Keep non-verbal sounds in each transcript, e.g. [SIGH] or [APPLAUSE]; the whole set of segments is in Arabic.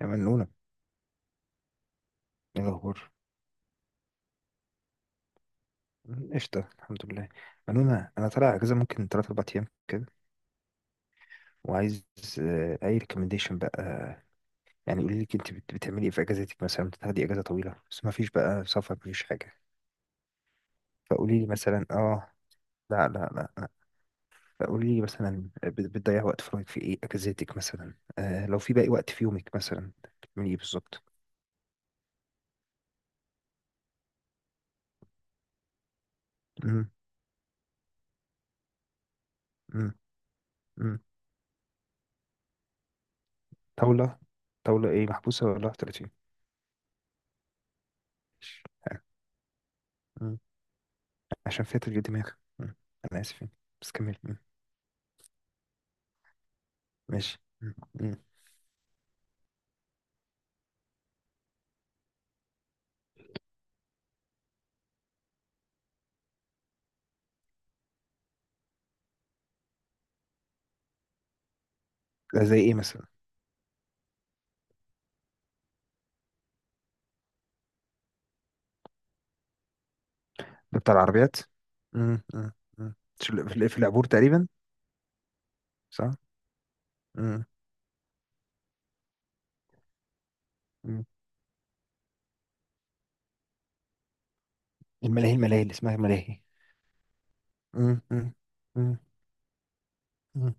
يا منونة. ايه الأخبار؟ قشطة، الحمد لله. منونة، أنا طالع أجازة ممكن تلات أربع أيام كده وعايز أي ريكومنديشن بقى. يعني قولي لي أنت بتعملي إيه في أجازتك؟ مثلا بتاخدي أجازة طويلة بس ما فيش بقى سفر، مفيش حاجة. فقولي لي مثلا آه. لا. فقولي لي مثلا بتضيع وقت فراغك في إيه أجازتك؟ مثلا آه لو في باقي وقت في يومك مثلا، بتعملي إيه بالظبط؟ مم، مم، مم. طاولة. طاولة إيه، محبوسة ولا 30؟ عشان فيها تشغيل دماغ. مم. انا اسف يعني. بس كمل. ماشي. ده زي ايه مثلا؟ ده بتاع العربيات. مم. مم. مم. في في العبور تقريبا. صح. مم. مم. الملاهي، الملاهي اللي اسمها ملاهي. مم. مم. مم. مم.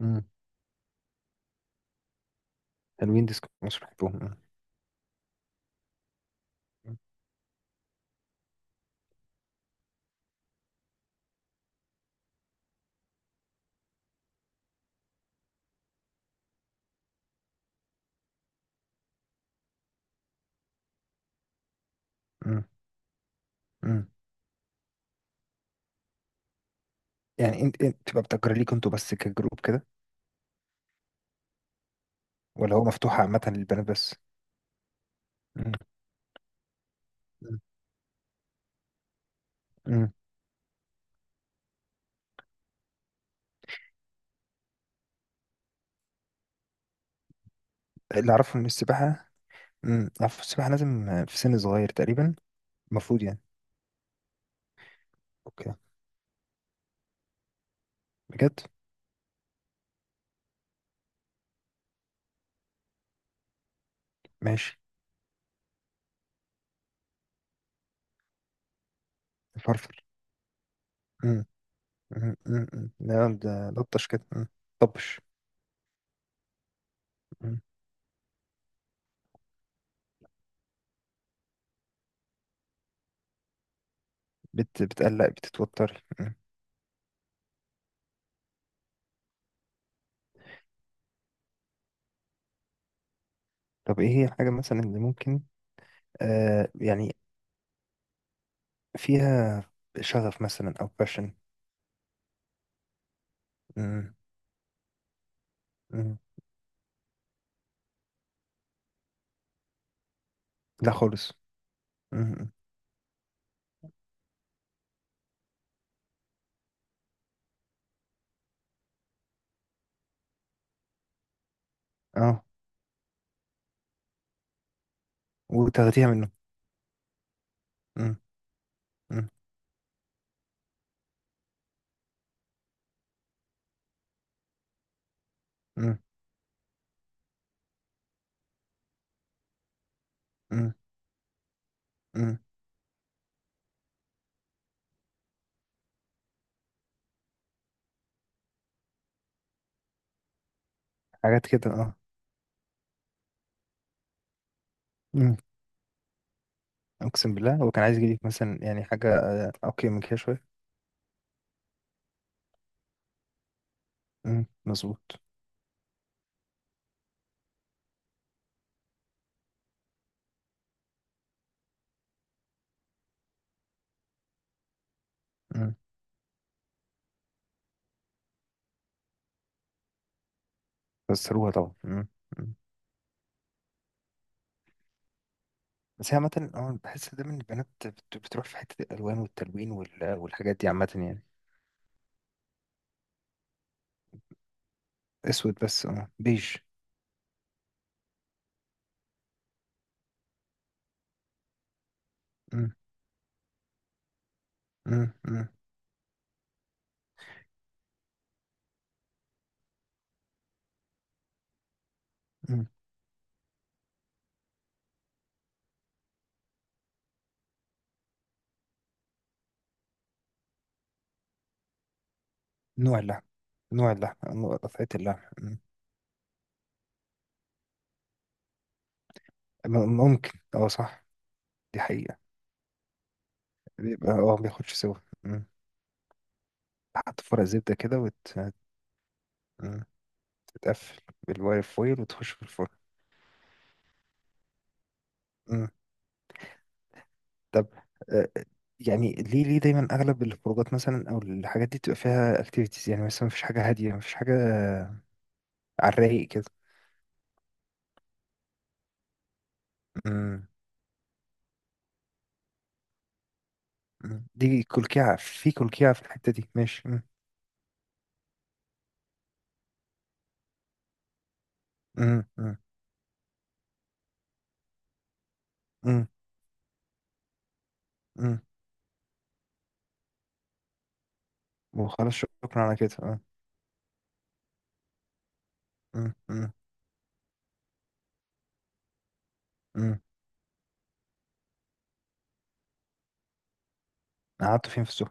مم. حلوين ديسكو مصر، بحبهم. مم. مم. مم. يعني انت تبقى بتأجر ليكوا انتوا بس كجروب كده ولا هو مفتوح عامة للبنات بس؟ مم. مم. مم. اللي اعرفه ان السباحة، اعرف السباحة لازم في سن صغير تقريبا. المفروض يعني. اوكي، بجد؟ ماشي. فرفر. مم. لا ده لطش كده. طبش. مم. بتقلق، بتتوتري. طب ايه هي الحاجة مثلا اللي ممكن يعني فيها شغف مثلا او باشن؟ لا خالص. مم. اه. وتاخديها منه. مم. مم. مم. مم. مم. حاجات كده اه. مم. اقسم بالله هو كان عايز يجيلك مثلا يعني حاجة اوكي من كده شوية. مظبوط. مم. بس روها طبعا. بس هي عامة أه بحس دايما إن البنات بتروح في حتة الألوان والتلوين والحاجات دي عامة يعني. أسود بس، أه، بيج. مم، مم، مم، مم. نوع اللحم. نوع اللحم نوع قطعة اللحم. ممكن، أه صح. دي حقيقة. بيبقى أه بياخدش سوا. مم. تحط فرق زبدة كده وتتقفل بالواير فويل وتخش في الفرن. مم. طب، آه، يعني ليه، ليه دايما أغلب الخروجات مثلا أو الحاجات دي بتبقى فيها أكتيفيتيز؟ يعني مثلا مفيش حاجة هادية، مفيش حاجة على الرايق كده. مم. دي كلكعة في كلكعة في الحتة دي. ماشي. مم. مم. مم. مم. وخلاص، شكرا على كده اه. مم. مم. مم. قعدت فين في السوق؟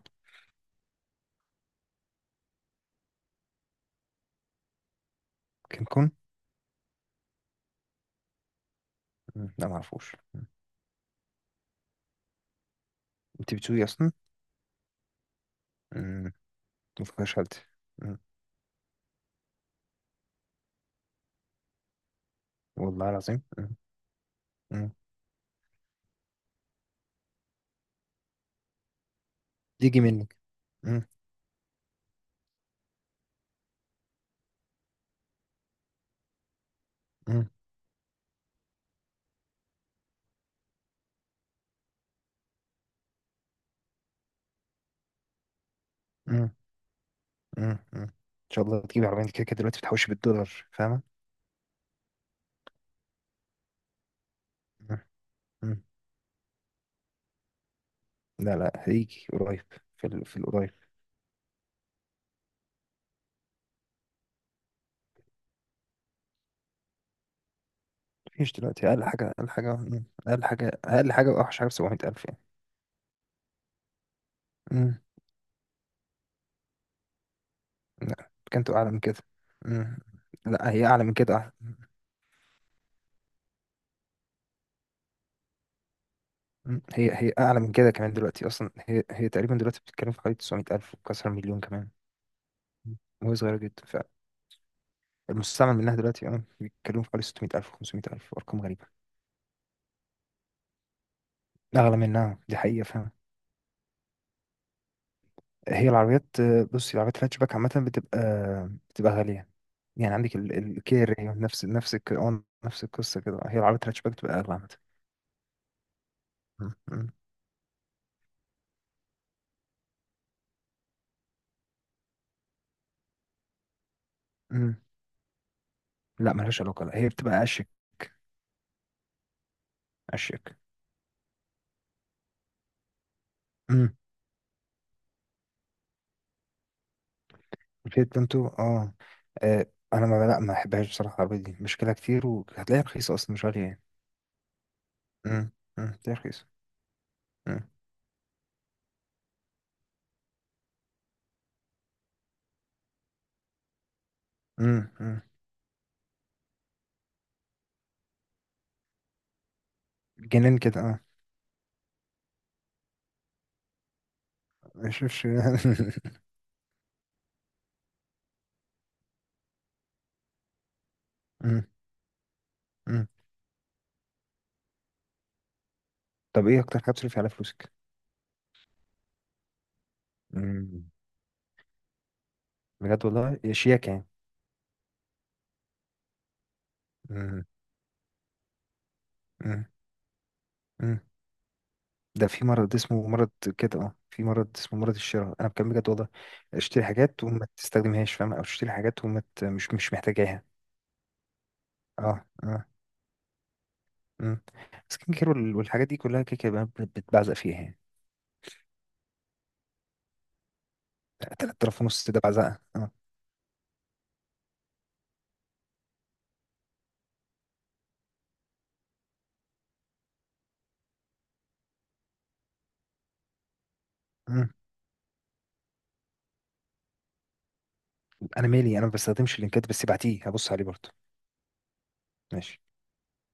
كين، كون. لا معرفوش. انت بتسوقي اصلا؟ مم. مفكرش حالتي. مم. والله العظيم. مم. تيجي منك. مم. مم. مم. مم. مم. ان شاء الله تجيبي عربية، انت كده كده دلوقتي بتحوشي بالدولار، فاهمة. مم. مم. لا لا، هيجي قريب، في في القريب. مفيش دلوقتي، اقل حاجه، اقل حاجه، اقل حاجه، اقل حاجه، واوحش حاجه ب 700,000 يعني. مم. لا كانت اعلى من كده. مم. لا هي اعلى من كده، أعلى. هي اعلى من كده كمان، دلوقتي اصلا هي تقريبا دلوقتي بتتكلم في حوالي 900,000 وكسر مليون كمان. مم. وهي صغيره جدا. فالمستعمل منها دلوقتي اه بيتكلموا في حوالي 600,000، 500,000، ارقام غريبه. اغلى منها، دي حقيقه. هي العربيات، بصي، العربيات الهاتشباك عامة بتبقى بتبقى غالية. يعني عندك الكير، هي نفس نفس القصة كده. هي العربيات الهاتشباك بتبقى أغلى عامة. مم، مم، مم. لا ملهاش علاقة، لا هي بتبقى أشيك. أشيك. مم. الفيت بنتو، اه، آه، أنا ما بحبهاش بصراحة. العربية دي مشكلة كتير وهتلاقيها رخيصة أصلا، مش غالية يعني. مم، هتلاقيها رخيصة. مم، مم، مم. جنان كده اه. ما يشوفش [LAUGHS] مم، مم. طب ايه أكتر حاجة بتصرفي على فلوسك؟ مم. بجد والله، يا شياكة يعني. مم. مم. مم. ده في مرض اسمه مرض كده اه، في مرض اسمه مرض الشراء، انا بكلم بجد والله. اشتري حاجات وما تستخدمهاش، فاهم، او تشتري حاجات وما ت- مش مش محتاجاها. اه اه. امم. سكين كير والحاجات دي كلها كده كده بقى بتبعزق فيها يعني. 3,000 ونص ده بعزقه اه. مم. انا مالي، انا ما بستخدمش اللينكات، بس ابعتيه هبص عليه برضه. ماشي.